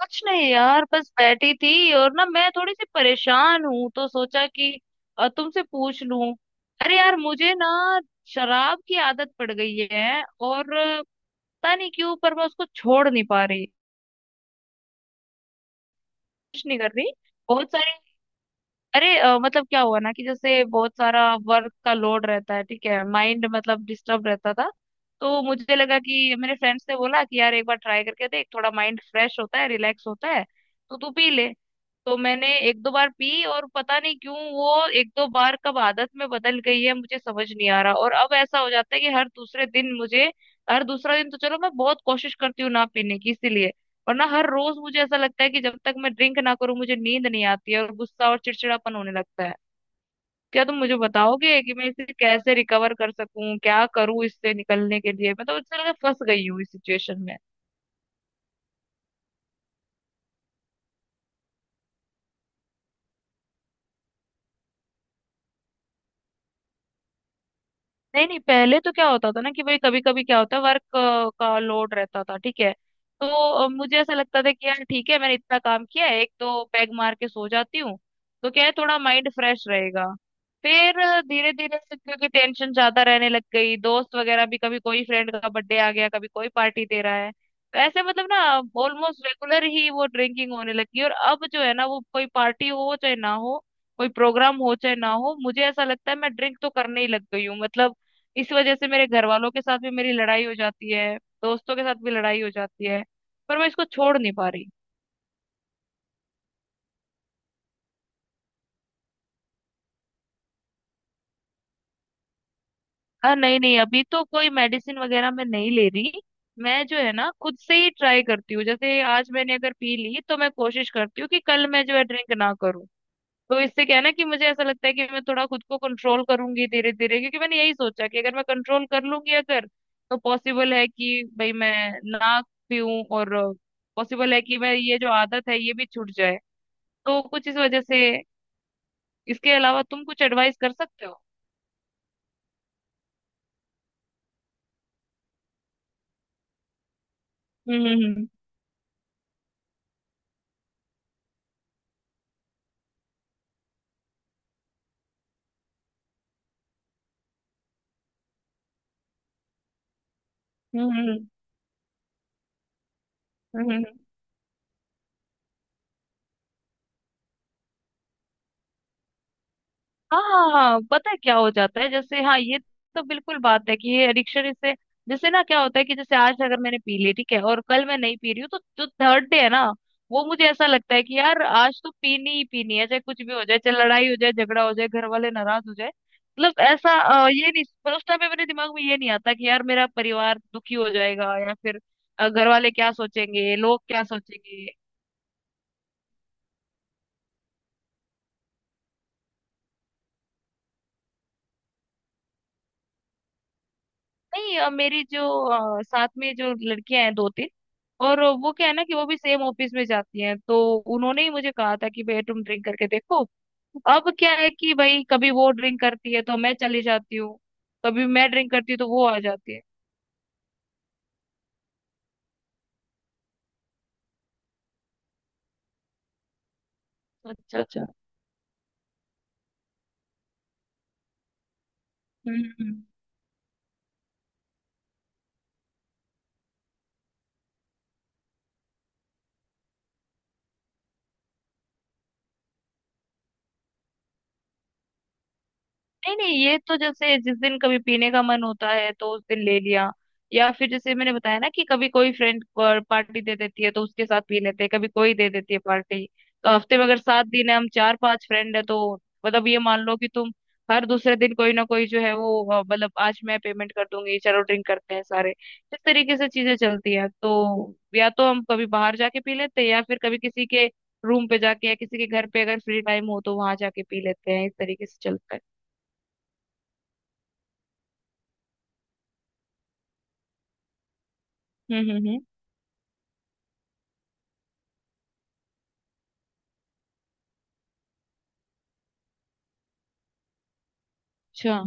कुछ नहीं यार, बस बैठी थी और ना, मैं थोड़ी सी परेशान हूँ, तो सोचा कि तुमसे पूछ लूं। अरे यार, मुझे ना शराब की आदत पड़ गई है, और पता नहीं क्यों पर मैं उसको छोड़ नहीं पा रही। कुछ नहीं कर रही। बहुत सारी। अरे, मतलब क्या हुआ ना कि जैसे बहुत सारा वर्क का लोड रहता है, ठीक है, माइंड मतलब डिस्टर्ब रहता था। तो मुझे लगा कि, मेरे फ्रेंड्स ने बोला कि यार एक बार ट्राई करके देख, थोड़ा माइंड फ्रेश होता है, रिलैक्स होता है, तो तू पी ले। तो मैंने एक दो बार पी, और पता नहीं क्यों वो एक दो बार कब आदत में बदल गई है मुझे समझ नहीं आ रहा। और अब ऐसा हो जाता है कि हर दूसरे दिन मुझे, हर दूसरा दिन तो चलो मैं बहुत कोशिश करती हूँ ना पीने की, इसीलिए। और ना, हर रोज मुझे ऐसा लगता है कि जब तक मैं ड्रिंक ना करूं मुझे नींद नहीं आती है, और गुस्सा और चिड़चिड़ापन होने लगता है। क्या तुम मुझे बताओगे कि मैं इसे कैसे रिकवर कर सकूं, क्या करूं इससे निकलने के लिए? मैं तो, मुझे लगा फंस गई हूँ इस सिचुएशन में। नहीं नहीं, पहले तो क्या होता था ना कि भाई, कभी कभी क्या होता है वर्क का लोड रहता था, ठीक है। तो मुझे ऐसा लगता था कि यार ठीक है, मैंने इतना काम किया है, एक तो पैग मार के सो जाती हूँ, तो क्या है, थोड़ा माइंड फ्रेश रहेगा। फिर धीरे धीरे से, क्योंकि टेंशन ज्यादा रहने लग गई, दोस्त वगैरह भी, कभी कोई फ्रेंड का बर्थडे आ गया, कभी कोई पार्टी दे रहा है, तो ऐसे मतलब ना, ऑलमोस्ट रेगुलर ही वो ड्रिंकिंग होने लगी। और अब जो है ना, वो कोई पार्टी हो चाहे ना हो, कोई प्रोग्राम हो चाहे ना हो, मुझे ऐसा लगता है मैं ड्रिंक तो करने ही लग गई हूँ, मतलब इस वजह से मेरे घर वालों के साथ भी मेरी लड़ाई हो जाती है, दोस्तों के साथ भी लड़ाई हो जाती है, पर मैं इसको छोड़ नहीं पा रही। हाँ, नहीं नहीं, अभी तो कोई मेडिसिन वगैरह मैं नहीं ले रही। मैं जो है ना, खुद से ही ट्राई करती हूँ, जैसे आज मैंने अगर पी ली तो मैं कोशिश करती हूँ कि कल मैं जो है ड्रिंक ना करूँ। तो इससे क्या है ना कि मुझे ऐसा लगता है कि मैं थोड़ा खुद को कंट्रोल करूंगी धीरे धीरे, क्योंकि मैंने यही सोचा कि अगर मैं कंट्रोल कर लूंगी, अगर, तो पॉसिबल है कि भाई मैं ना पीऊं, और पॉसिबल है कि मैं ये जो आदत है ये भी छूट जाए। तो कुछ इस वजह से। इसके अलावा तुम कुछ एडवाइस कर सकते हो? हम्म, हम्म, हम्म, हम्म, हम्म, हम्म। हाँ पता है क्या हो जाता है, जैसे, हाँ ये तो बिल्कुल बात है कि ये एडिक्शन, इससे, जैसे ना क्या होता है कि जैसे आज अगर मैंने पी ली ठीक है, और कल मैं नहीं पी रही हूँ, तो जो थर्ड डे है ना वो मुझे ऐसा लगता है कि यार आज तो पीनी ही पीनी है, चाहे कुछ भी हो जाए, चाहे लड़ाई हो जाए, झगड़ा हो जाए, घर वाले नाराज हो जाए, मतलब ऐसा, ये नहीं, पर उस टाइम पे मेरे दिमाग में ये नहीं आता कि यार मेरा परिवार दुखी हो जाएगा, या फिर घर वाले क्या सोचेंगे, लोग क्या सोचेंगे। नहीं, मेरी जो साथ में जो लड़कियां हैं, दो तीन, और वो क्या है ना कि वो भी सेम ऑफिस में जाती हैं, तो उन्होंने ही मुझे कहा था कि भैया तुम ड्रिंक करके देखो। अब क्या है कि भाई, कभी वो ड्रिंक करती है तो मैं चली जाती हूँ, कभी मैं ड्रिंक करती हूँ तो वो आ जाती है। अच्छा, अच्छा। हम्म। नहीं नहीं, ये तो जैसे जिस दिन कभी पीने का मन होता है तो उस दिन ले लिया, या फिर जैसे मैंने बताया ना कि कभी कोई फ्रेंड पार्टी दे देती है तो उसके साथ पी लेते हैं, कभी कोई दे देती है पार्टी। तो हफ्ते में अगर 7 दिन है, हम चार पांच फ्रेंड है, तो मतलब ये मान लो कि तुम हर दूसरे दिन कोई ना कोई जो है वो, मतलब आज मैं पेमेंट कर दूंगी, चलो ड्रिंक करते हैं सारे, इस तरीके से चीजें चलती है। तो या तो हम कभी बाहर जाके पी लेते हैं, या फिर कभी किसी के रूम पे जाके, या किसी के घर पे अगर फ्री टाइम हो तो वहां जाके पी लेते हैं, इस तरीके से चलता है। हम्म, हम्म, हम्म। अच्छा।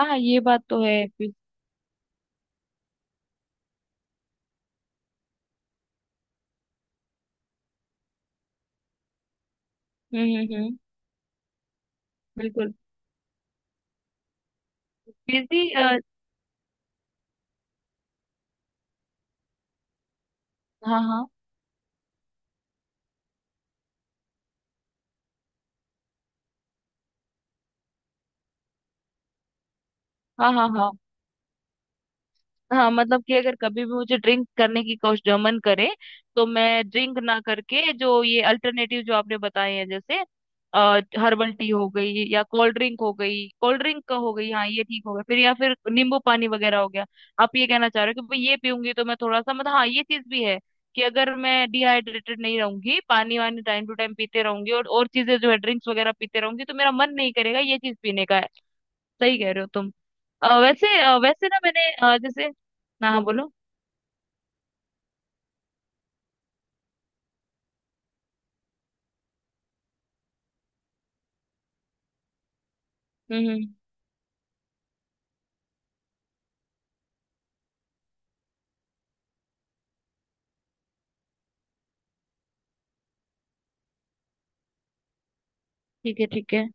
हाँ ये बात तो है हम्म, हम्म, हम्म। बिल्कुल, बिजी, हाँ, हाँ, हाँ, हाँ, हाँ, हाँ मतलब कि अगर कभी भी मुझे ड्रिंक करने की कोशिश मन करे, तो मैं ड्रिंक ना करके जो ये अल्टरनेटिव जो आपने बताए हैं, जैसे हर्बल टी हो गई, या कोल्ड ड्रिंक हो गई, कोल्ड ड्रिंक का हो गई, हाँ ये ठीक हो गया फिर, या फिर नींबू पानी वगैरह हो गया। आप ये कहना चाह रहे हो कि भाई ये पीऊंगी तो मैं थोड़ा सा, मतलब, हाँ ये चीज भी है कि अगर मैं डिहाइड्रेटेड नहीं रहूंगी, पानी वानी टाइम टू टाइम पीते रहूंगी, और चीजें जो है ड्रिंक्स वगैरह पीते रहूंगी, तो मेरा मन नहीं करेगा ये चीज पीने का है। सही कह रहे हो तुम। वैसे ना, मैंने जैसे, ना, हाँ बोलो। हम्म, ठीक है, ठीक है।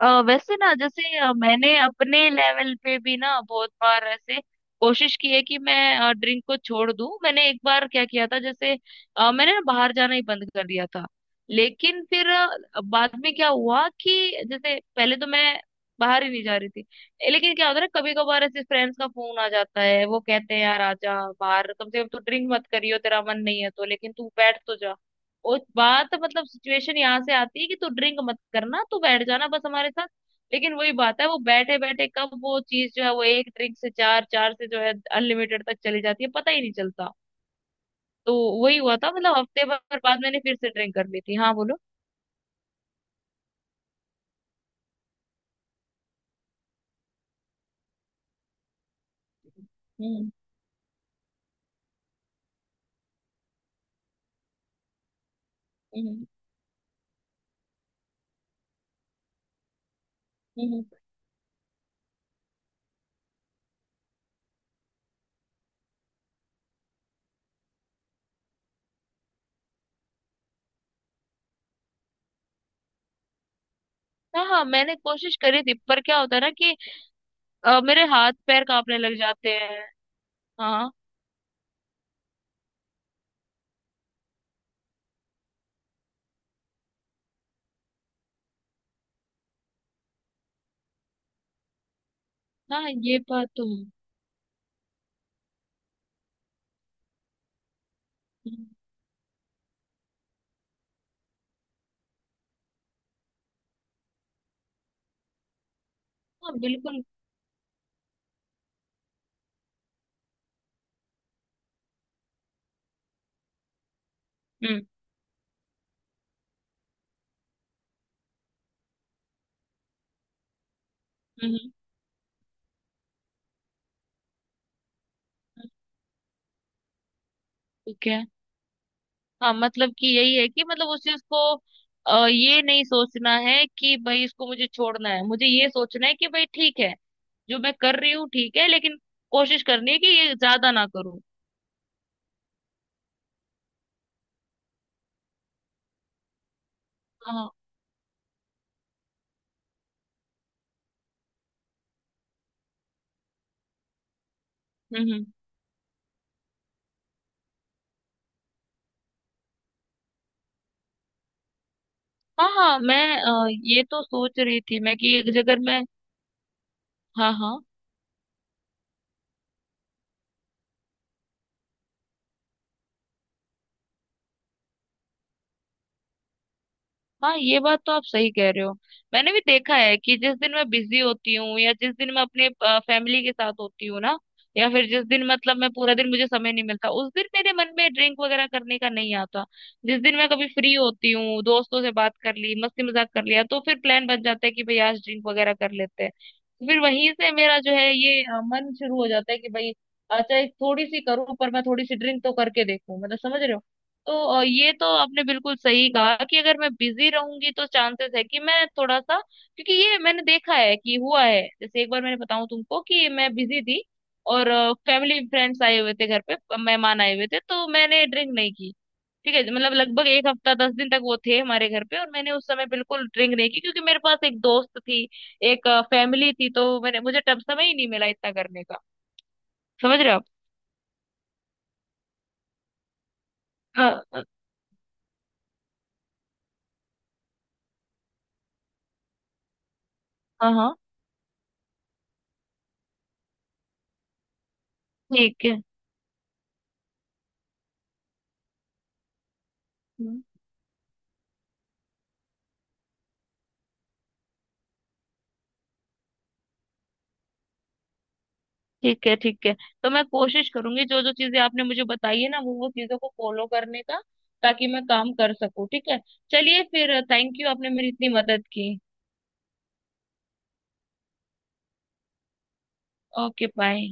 वैसे ना, जैसे मैंने अपने लेवल पे भी ना बहुत बार ऐसे कोशिश की है कि मैं ड्रिंक को छोड़ दूं। मैंने एक बार क्या किया था, जैसे मैंने ना बाहर जाना ही बंद कर दिया था। लेकिन फिर बाद में क्या हुआ कि जैसे पहले तो मैं बाहर ही नहीं जा रही थी, लेकिन क्या होता है ना, कभी कभार ऐसे फ्रेंड्स का फोन आ जाता है, वो कहते हैं यार आजा, बाहर कम से कम तू ड्रिंक मत करियो, तेरा मन नहीं है तो, लेकिन तू बैठ तो जा। और बात, मतलब सिचुएशन यहाँ से आती है कि तू ड्रिंक मत करना, तू बैठ जाना बस हमारे साथ। लेकिन वही बात है, वो बैठे बैठे कब वो चीज जो है वो एक ड्रिंक से चार, चार से जो है अनलिमिटेड तक चली जाती है, पता ही नहीं चलता। तो वही हुआ था, मतलब हफ्ते भर बाद मैंने फिर से ड्रिंक कर ली थी। हाँ बोलो। हम्म, हम्म, हम्म। हाँ, हाँ मैंने कोशिश करी थी, पर क्या होता है ना कि मेरे हाथ पैर कांपने लग जाते हैं। हाँ, हाँ ये बात तो है। हाँ, बिल्कुल। हम्म, हम्म, हम्म, ठीक है। हाँ मतलब कि यही है कि, मतलब उस चीज को ये नहीं सोचना है कि भाई इसको मुझे छोड़ना है, मुझे ये सोचना है कि भाई ठीक है जो मैं कर रही हूँ, ठीक है, लेकिन कोशिश करनी है कि ये ज्यादा ना करूँ। हाँ। हम्म, हाँ, हाँ मैं ये तो सोच रही थी मैं कि एक जगह मैं, हाँ, हाँ। हाँ ये बात तो आप सही कह रहे हो। मैंने भी देखा है कि जिस दिन मैं बिजी होती हूँ, या जिस दिन मैं अपने फैमिली के साथ होती हूँ ना, या फिर जिस दिन मतलब मैं पूरा दिन, मुझे समय नहीं मिलता, उस दिन मेरे मन में ड्रिंक वगैरह करने का नहीं आता। जिस दिन मैं कभी फ्री होती हूँ, दोस्तों से बात कर ली, मस्ती मजाक कर लिया, तो फिर प्लान बन जाता है कि भाई आज ड्रिंक वगैरह कर लेते हैं। फिर वहीं से मेरा जो है ये मन शुरू हो जाता है कि भाई अच्छा एक थोड़ी सी करूँ, पर मैं थोड़ी सी ड्रिंक तो करके देखूं, मतलब समझ रहे हो। तो ये तो आपने बिल्कुल सही कहा कि अगर मैं बिजी रहूंगी तो चांसेस है कि मैं थोड़ा सा, क्योंकि ये मैंने देखा है कि हुआ है, जैसे एक बार मैंने बताऊं तुमको कि मैं बिजी थी, और फैमिली फ्रेंड्स आए हुए थे घर पे, मेहमान आए हुए थे, तो मैंने ड्रिंक नहीं की। ठीक है, मतलब लगभग एक हफ्ता 10 दिन तक वो थे हमारे घर पे, और मैंने उस समय बिल्कुल ड्रिंक नहीं की, क्योंकि मेरे पास एक दोस्त थी, एक फैमिली थी, तो मैंने मुझे तब समय ही नहीं मिला इतना करने का। समझ रहे हो आप? हाँ, हाँ, हाँ, ठीक है, ठीक है, ठीक है। तो मैं कोशिश करूंगी जो जो चीजें आपने मुझे बताई है ना, वो चीजों को फॉलो करने का, ताकि मैं काम कर सकूं, ठीक है। चलिए फिर, थैंक यू, आपने मेरी इतनी मदद की। Okay, bye.